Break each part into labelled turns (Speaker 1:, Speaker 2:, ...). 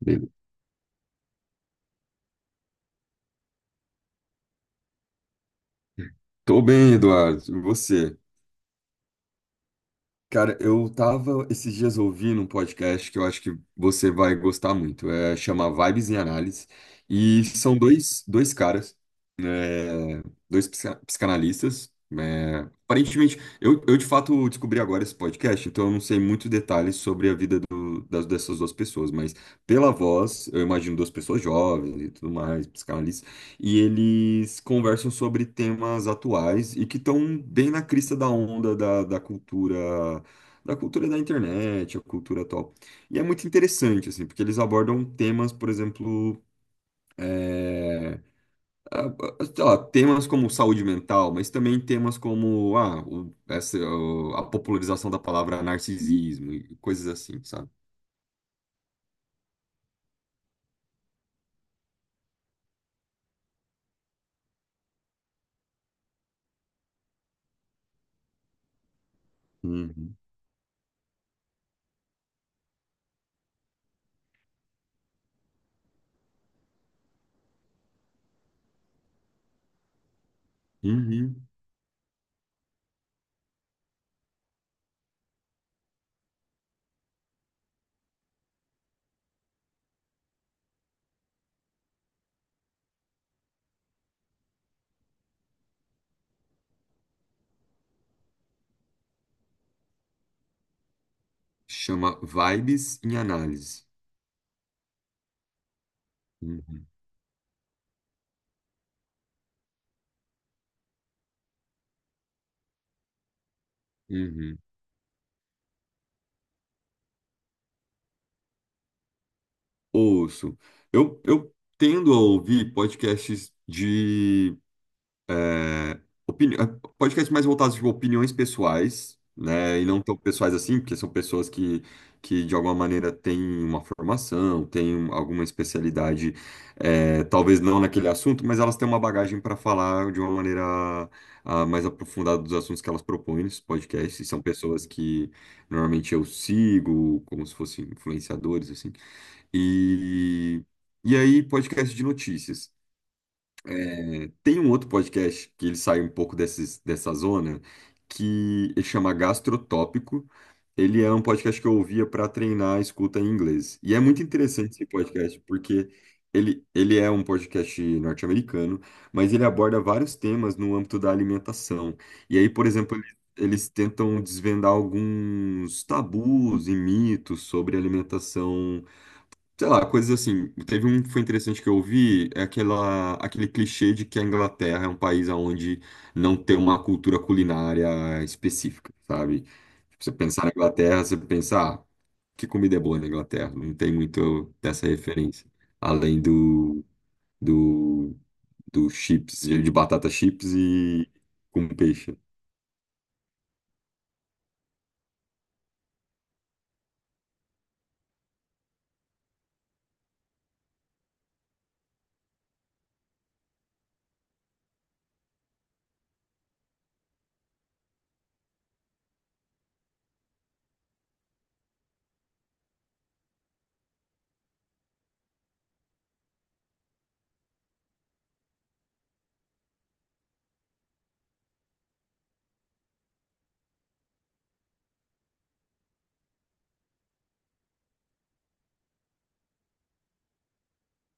Speaker 1: Beleza. Tô bem, Eduardo. E você? Cara, eu tava esses dias ouvindo um podcast que eu acho que você vai gostar muito. Chama Vibes em Análise. E são dois caras, né, dois psicanalistas. Né. Aparentemente, eu de fato descobri agora esse podcast, então eu não sei muitos detalhes sobre a vida dessas duas pessoas, mas pela voz, eu imagino duas pessoas jovens e tudo mais, psicanalistas, e eles conversam sobre temas atuais e que estão bem na crista da onda da cultura da cultura da internet, a cultura atual. E é muito interessante, assim, porque eles abordam temas, por exemplo, é, a- sei lá, temas como saúde mental, mas também temas como a popularização da palavra narcisismo e coisas assim, sabe? Uhum. Uhum. Chama Vibes em Análise. Uhum. Uhum. Ouço. Eu tendo a ouvir podcasts de é, opini- é, podcasts mais voltados tipo, a opiniões pessoais, né? E não tão pessoais assim, porque são pessoas que de alguma maneira têm uma formação, têm alguma especialidade, é, talvez não naquele assunto, mas elas têm uma bagagem para falar de uma maneira ah, mais aprofundada dos assuntos que elas propõem nos podcasts. E são pessoas que normalmente eu sigo, como se fossem influenciadores, assim. E, e aí, podcast de notícias. É, tem um outro podcast que ele sai um pouco dessa zona, que ele chama Gastrotópico. Ele é um podcast que eu ouvia para treinar a escuta em inglês. E é muito interessante esse podcast, porque ele é um podcast norte-americano, mas ele aborda vários temas no âmbito da alimentação. E aí, por exemplo, eles tentam desvendar alguns tabus e mitos sobre alimentação sei lá, coisas assim. Teve um que foi interessante que eu ouvi, é aquele clichê de que a Inglaterra é um país onde não tem uma cultura culinária específica, sabe? Tipo, você pensar na Inglaterra, você pensar, ah, que comida é boa na Inglaterra? Não tem muito dessa referência, além do, do chips, de batata chips e com peixe.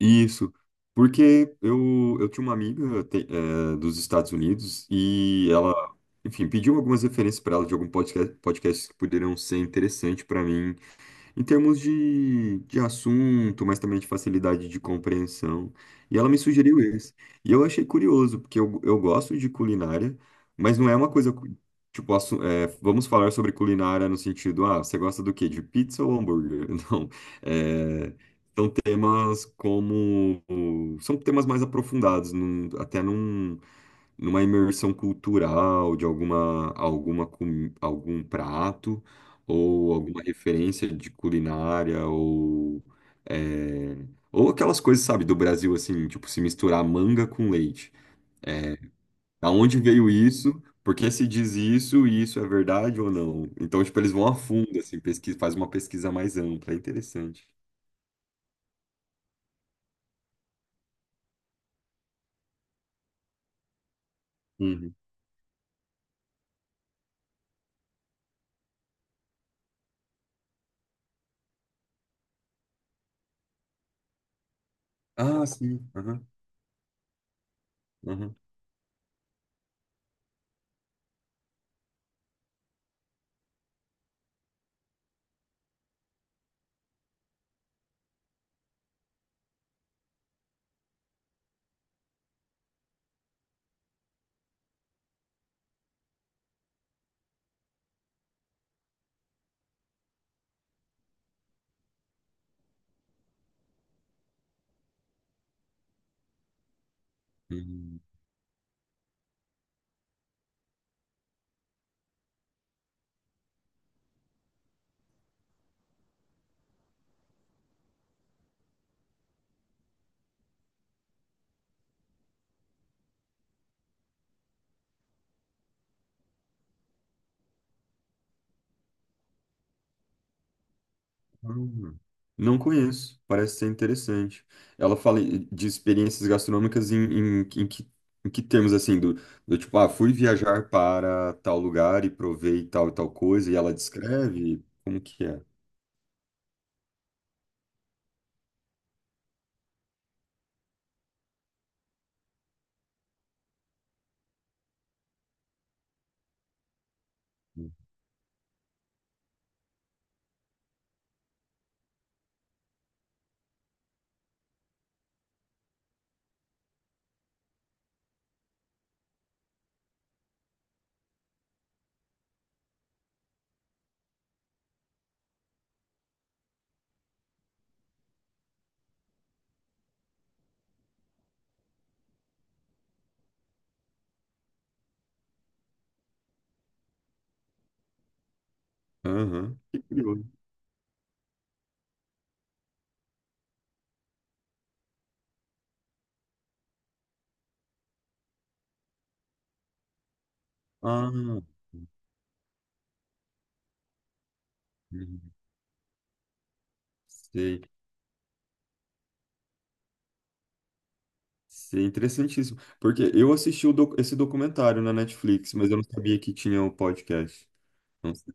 Speaker 1: Isso, porque eu tinha uma amiga dos Estados Unidos e ela, enfim, pediu algumas referências para ela de algum podcasts que poderiam ser interessantes para mim em termos de assunto, mas também de facilidade de compreensão. E ela me sugeriu esse. E eu achei curioso, porque eu gosto de culinária, mas não é uma coisa, tipo, vamos falar sobre culinária no sentido, ah, você gosta do quê? De pizza ou hambúrguer? Não. É, são temas como. São temas mais aprofundados, num- até num numa imersão cultural de alguma algum prato ou alguma referência de culinária, ou, é, ou aquelas coisas, sabe, do Brasil, assim, tipo, se misturar manga com leite. Aonde veio isso? Por que se diz isso e isso é verdade ou não? Então, tipo, eles vão a fundo, assim, pesquisa, faz uma pesquisa mais ampla, é interessante. Uhum. Ah, sim. Aham, aham. Uhum. Hum, não conheço, parece ser interessante. Ela fala de experiências gastronômicas em que termos, assim, do, do tipo, ah, fui viajar para tal lugar e provei tal e tal coisa, e ela descreve como que é. Aham, que curioso. Ah, uhum. Sei, sei, interessantíssimo. Porque eu assisti o esse documentário na Netflix, mas eu não sabia que tinha o podcast. Não sei.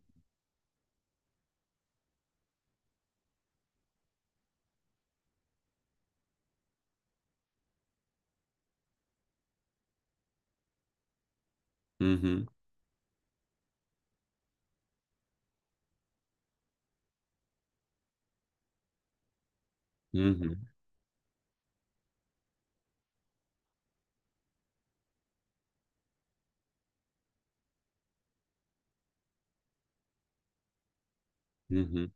Speaker 1: Uhum, uhum, uhum.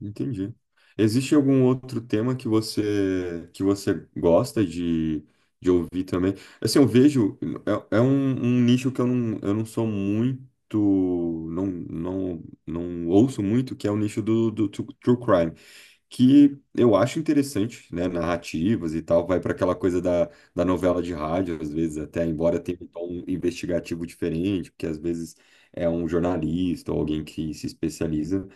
Speaker 1: Entendi. Existe algum outro tema que você gosta de ouvir também? Assim, eu vejo, é, é um, um nicho que eu não sou muito, não, não, não ouço muito, que é o nicho do, true crime, que eu acho interessante, né? Narrativas e tal, vai para aquela coisa da, da novela de rádio, às vezes, até embora tenha um tom investigativo diferente, porque às vezes é um jornalista ou alguém que se especializa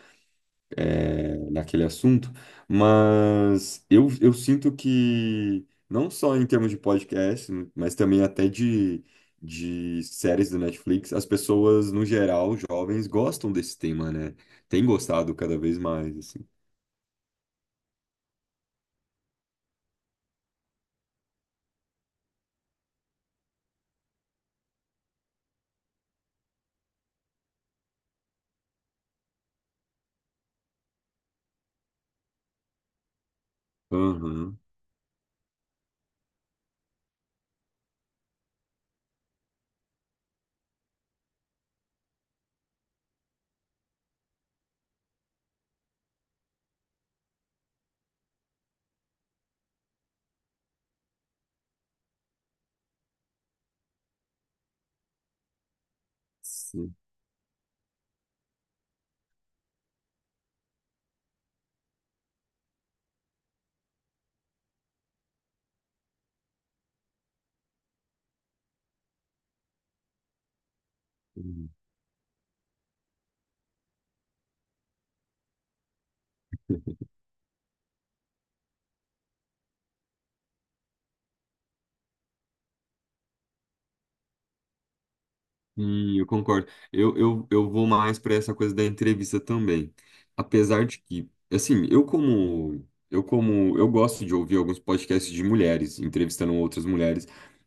Speaker 1: naquele assunto, mas eu sinto que, não só em termos de podcast, mas também até de séries da Netflix, as pessoas, no geral, jovens, gostam desse tema, né? Tem gostado cada vez mais, assim. Aham. Sim. Sim, eu concordo. Eu vou mais para essa coisa da entrevista também. Apesar de que, assim, eu gosto de ouvir alguns podcasts de mulheres entrevistando outras mulheres,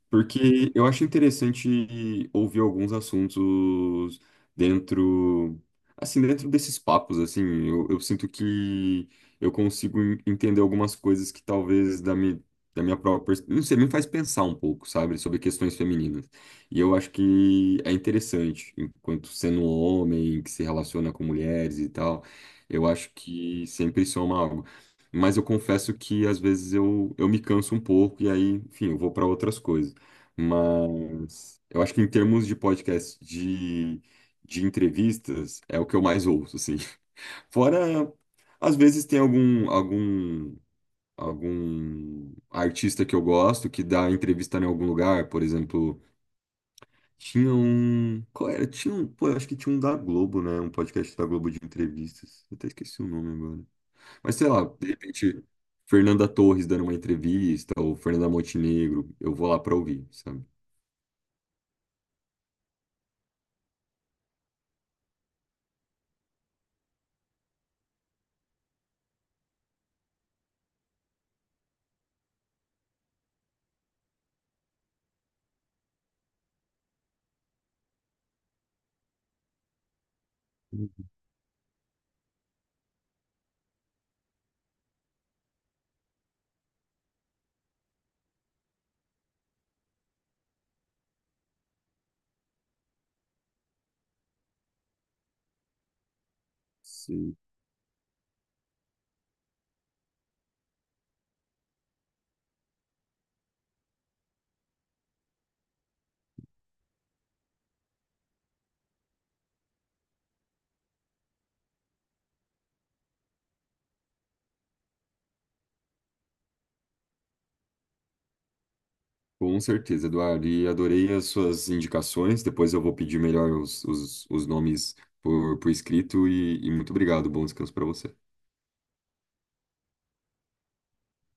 Speaker 1: porque eu acho interessante ouvir alguns assuntos dentro assim, dentro desses papos, assim, eu sinto que eu consigo entender algumas coisas que talvez da minha própria, não sei, me faz pensar um pouco, sabe, sobre questões femininas. E eu acho que é interessante, enquanto sendo um homem que se relaciona com mulheres e tal, eu acho que sempre soma algo. Mas eu confesso que às vezes eu me canso um pouco e aí, enfim, eu vou para outras coisas. Mas eu acho que em termos de podcast, de entrevistas, é o que eu mais ouço, assim. Fora, às vezes tem algum, algum, algum artista que eu gosto que dá entrevista em algum lugar, por exemplo. Tinha um. Qual era? Tinha um. Pô, eu acho que tinha um da Globo, né? Um podcast da Globo de entrevistas. Eu até esqueci o nome agora. Mas sei lá, de repente, Fernanda Torres dando uma entrevista, ou Fernanda Montenegro, eu vou lá pra ouvir, sabe? Sim. Com certeza, Eduardo. E adorei as suas indicações. Depois eu vou pedir melhor os nomes por escrito. E muito obrigado. Bom descanso pra você.